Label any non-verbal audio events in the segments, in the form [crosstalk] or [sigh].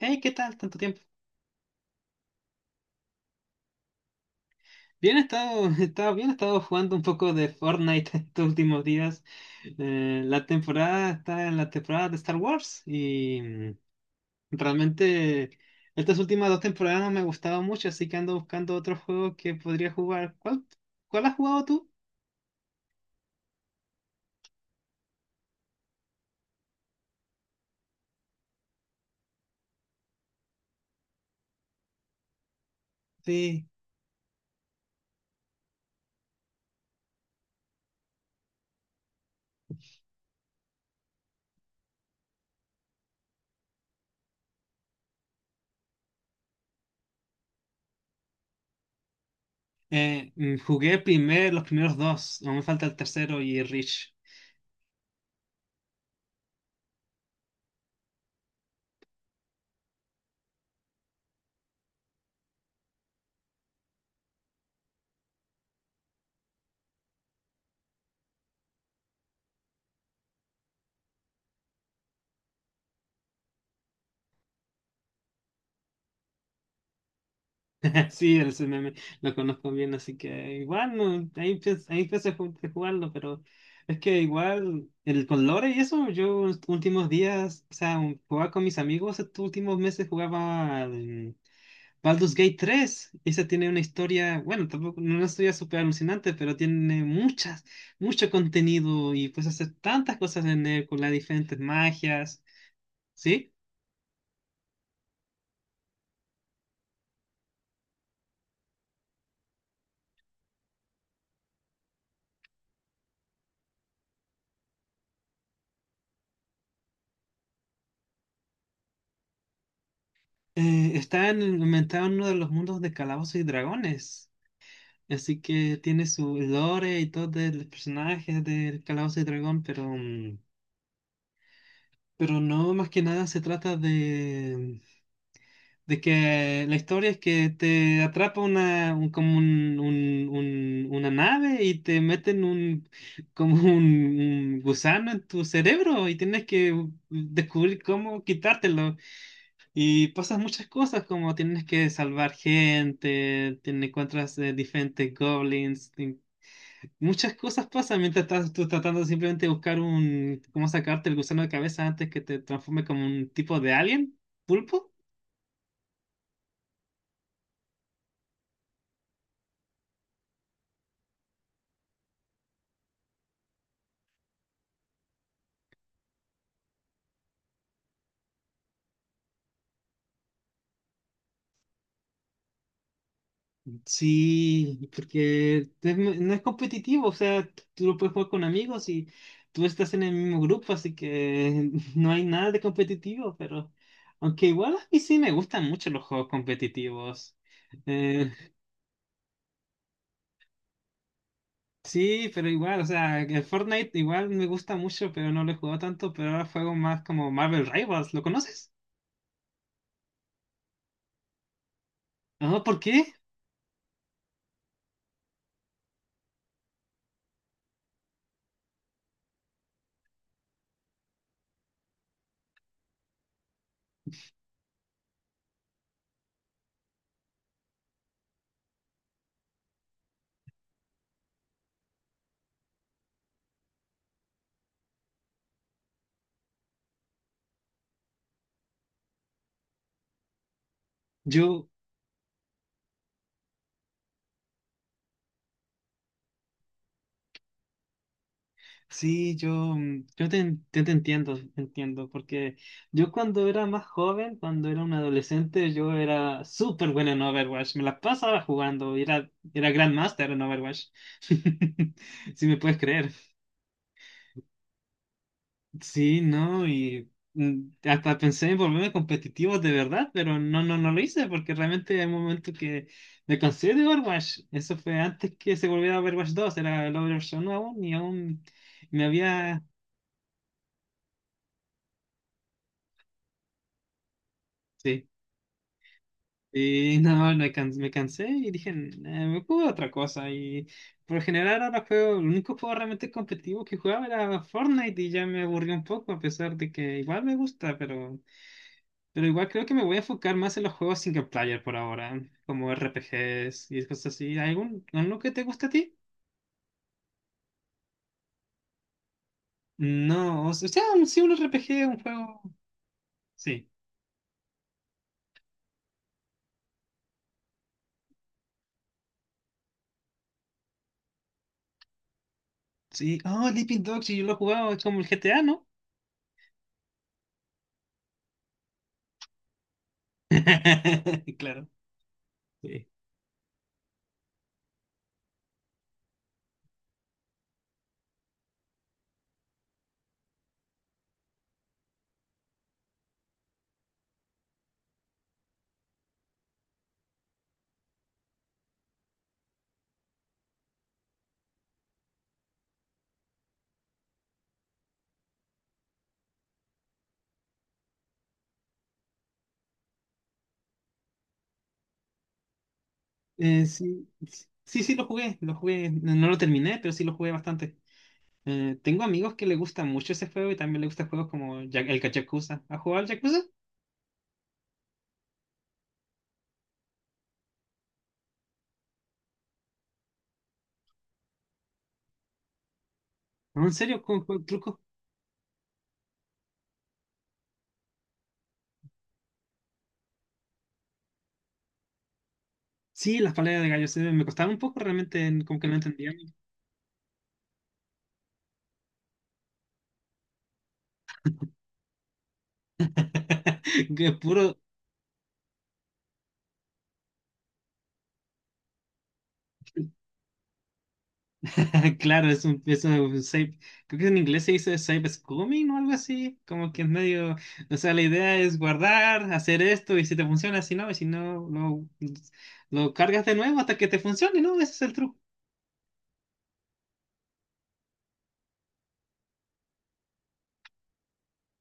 Hey, ¿qué tal? Tanto tiempo. Bien, [laughs] he estado bien, he estado jugando un poco de Fortnite [laughs] estos últimos días. La temporada está en la temporada de Star Wars y realmente estas últimas dos temporadas no me gustaban mucho, así que ando buscando otro juego que podría jugar. ¿Cuál has jugado tú? Sí. Jugué los primeros dos, aún me falta el tercero y Reach. [laughs] Sí, el ese meme lo conozco bien, así que igual no, ahí ahí empecé a jugarlo, pero es que igual el con lore y eso, yo los últimos días, o sea, jugaba con mis amigos, estos últimos meses jugaba al Baldur's Gate 3, y esa tiene una historia, bueno, tampoco, no es una historia súper alucinante, pero tiene mucho contenido y puedes hacer tantas cosas en él con las diferentes magias, ¿sí? Está inventado en uno de los mundos de Calabozos y Dragones. Así que tiene su lore y todo de los personajes del Calabozo y Dragón, pero, pero no, más que nada se trata de, que la historia es que te atrapa como una nave y te meten [laughs] como un gusano en tu cerebro y tienes que descubrir cómo quitártelo. Y pasan muchas cosas como tienes que salvar gente, te encuentras diferentes goblins. Muchas cosas pasan mientras estás tú tratando simplemente de buscar cómo sacarte el gusano de cabeza antes que te transforme como un tipo de alien, pulpo. Sí, porque no es competitivo, o sea, tú lo puedes jugar con amigos y tú estás en el mismo grupo, así que [laughs] no hay nada de competitivo, pero aunque igual a mí sí me gustan mucho los juegos competitivos. Eh, sí, pero igual, o sea, el Fortnite igual me gusta mucho, pero no lo he jugado tanto, pero ahora juego más como Marvel Rivals, ¿lo conoces? Ah, ¿por qué? Yo, sí, yo, mm, yo te, en- te entiendo, porque yo cuando era más joven, cuando era un adolescente, yo era súper bueno en Overwatch, me la pasaba jugando, era Grandmaster en Overwatch, [laughs] si me puedes creer. Sí, no, y hasta pensé en volverme competitivo de verdad, pero no lo hice, porque realmente hay un momento que me cansé de Overwatch. Eso fue antes que se volviera Overwatch 2, era el Overwatch 1 aún, y aún... Me había. Sí, y no, me cansé y dije, "Nah, me puedo otra cosa". Y por lo general ahora juego, el único juego realmente competitivo que jugaba era Fortnite y ya me aburrió un poco, a pesar de que igual me gusta, pero igual creo que me voy a enfocar más en los juegos single player por ahora, como RPGs y cosas así. ¿Alguno que te guste a ti? No, o sea, sí, un RPG, un juego. Sí, sí. Oh, Sleeping Dogs, y yo lo he jugado, es como el GTA, ¿no? [laughs] Claro. Sí. Sí, sí, sí sí lo jugué, no lo terminé, pero sí lo jugué bastante. Tengo amigos que les gusta mucho ese juego y también les gustan juegos como el Yakuza. ¿Has jugado al Yakuza? ¿No? ¿En serio? ¿Con truco? Sí, las peleas de gallos me costaban un poco, realmente como que no entendía. [laughs] Que puro. [laughs] Claro, safe- creo que en inglés se dice safe scumming o algo así, como que es medio, o sea, la idea es guardar, hacer esto y si te funciona, si no, y si no, lo cargas de nuevo hasta que te funcione, ¿no? Ese es el truco.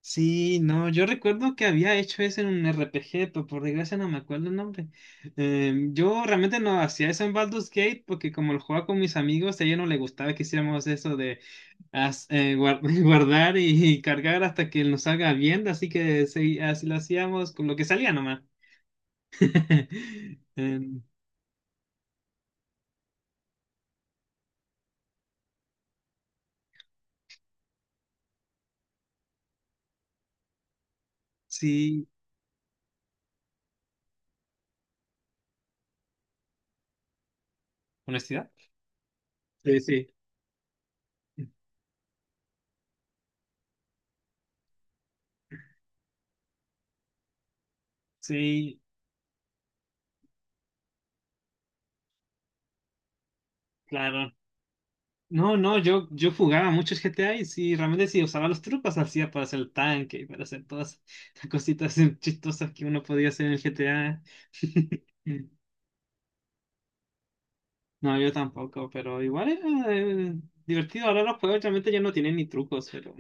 Sí, no, yo recuerdo que había hecho eso en un RPG, pero por desgracia no me acuerdo el nombre. Yo realmente no hacía eso en Baldur's Gate porque como lo jugaba con mis amigos, a ella no le gustaba que hiciéramos eso de [laughs] guardar y cargar hasta que nos salga bien, así que sí, así lo hacíamos con lo que salía nomás. [laughs] Eh, sí, honestidad. Sí, sí. Sí, claro. No, no, yo jugaba mucho GTA y sí, realmente sí usaba los trucos, hacía para hacer el tanque y para hacer todas [laughs] las cositas chistosas que uno podía hacer en el GTA. [laughs] No, yo tampoco, pero igual era eh, divertido. Ahora los juegos realmente ya no tienen ni trucos, pero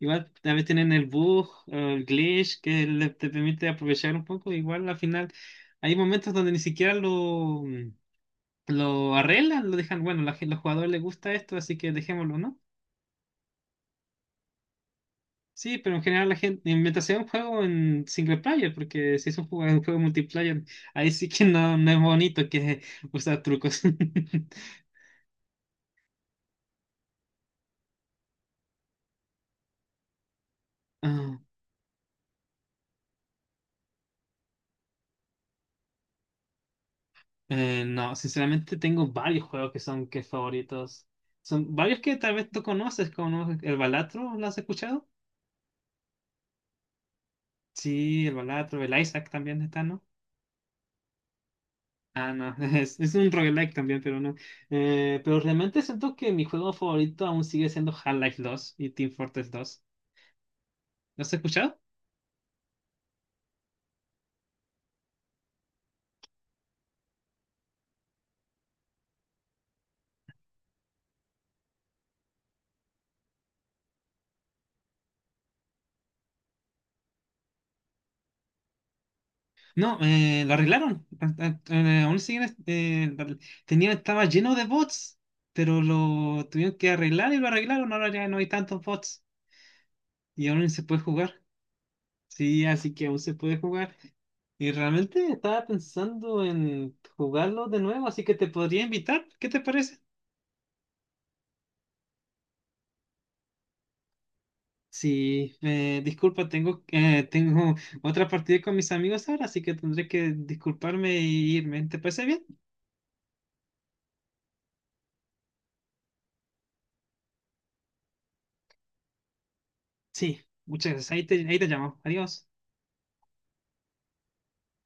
igual también tienen el bug, el glitch que te permite aprovechar un poco. Igual al final hay momentos donde ni siquiera lo arreglan, lo dejan, bueno, los jugadores les gusta esto, así que dejémoslo, ¿no? Sí, pero en general la gente, mientras sea un juego en single player, porque si es un juego, multiplayer, ahí sí que no, no es bonito que usar trucos. [laughs] Ah, no, sinceramente tengo varios juegos que son que favoritos. Son varios que tal vez tú conoces, como no, el Balatro, ¿lo has escuchado? Sí, el Balatro, el Isaac también está, ¿no? Ah, no, [laughs] es un roguelike también, pero no. Pero realmente siento que mi juego favorito aún sigue siendo Half-Life 2 y Team Fortress 2. ¿Lo has escuchado? No, lo arreglaron. Estaba lleno de bots, pero lo tuvieron que arreglar y lo arreglaron. Ahora ya no hay tantos bots y aún se puede jugar. Sí, así que aún se puede jugar. Y realmente estaba pensando en jugarlo de nuevo, así que te podría invitar. ¿Qué te parece? Sí, disculpa, tengo otra partida con mis amigos ahora, así que tendré que disculparme e irme. ¿Te parece bien? Sí, muchas gracias. Ahí te llamo. Adiós.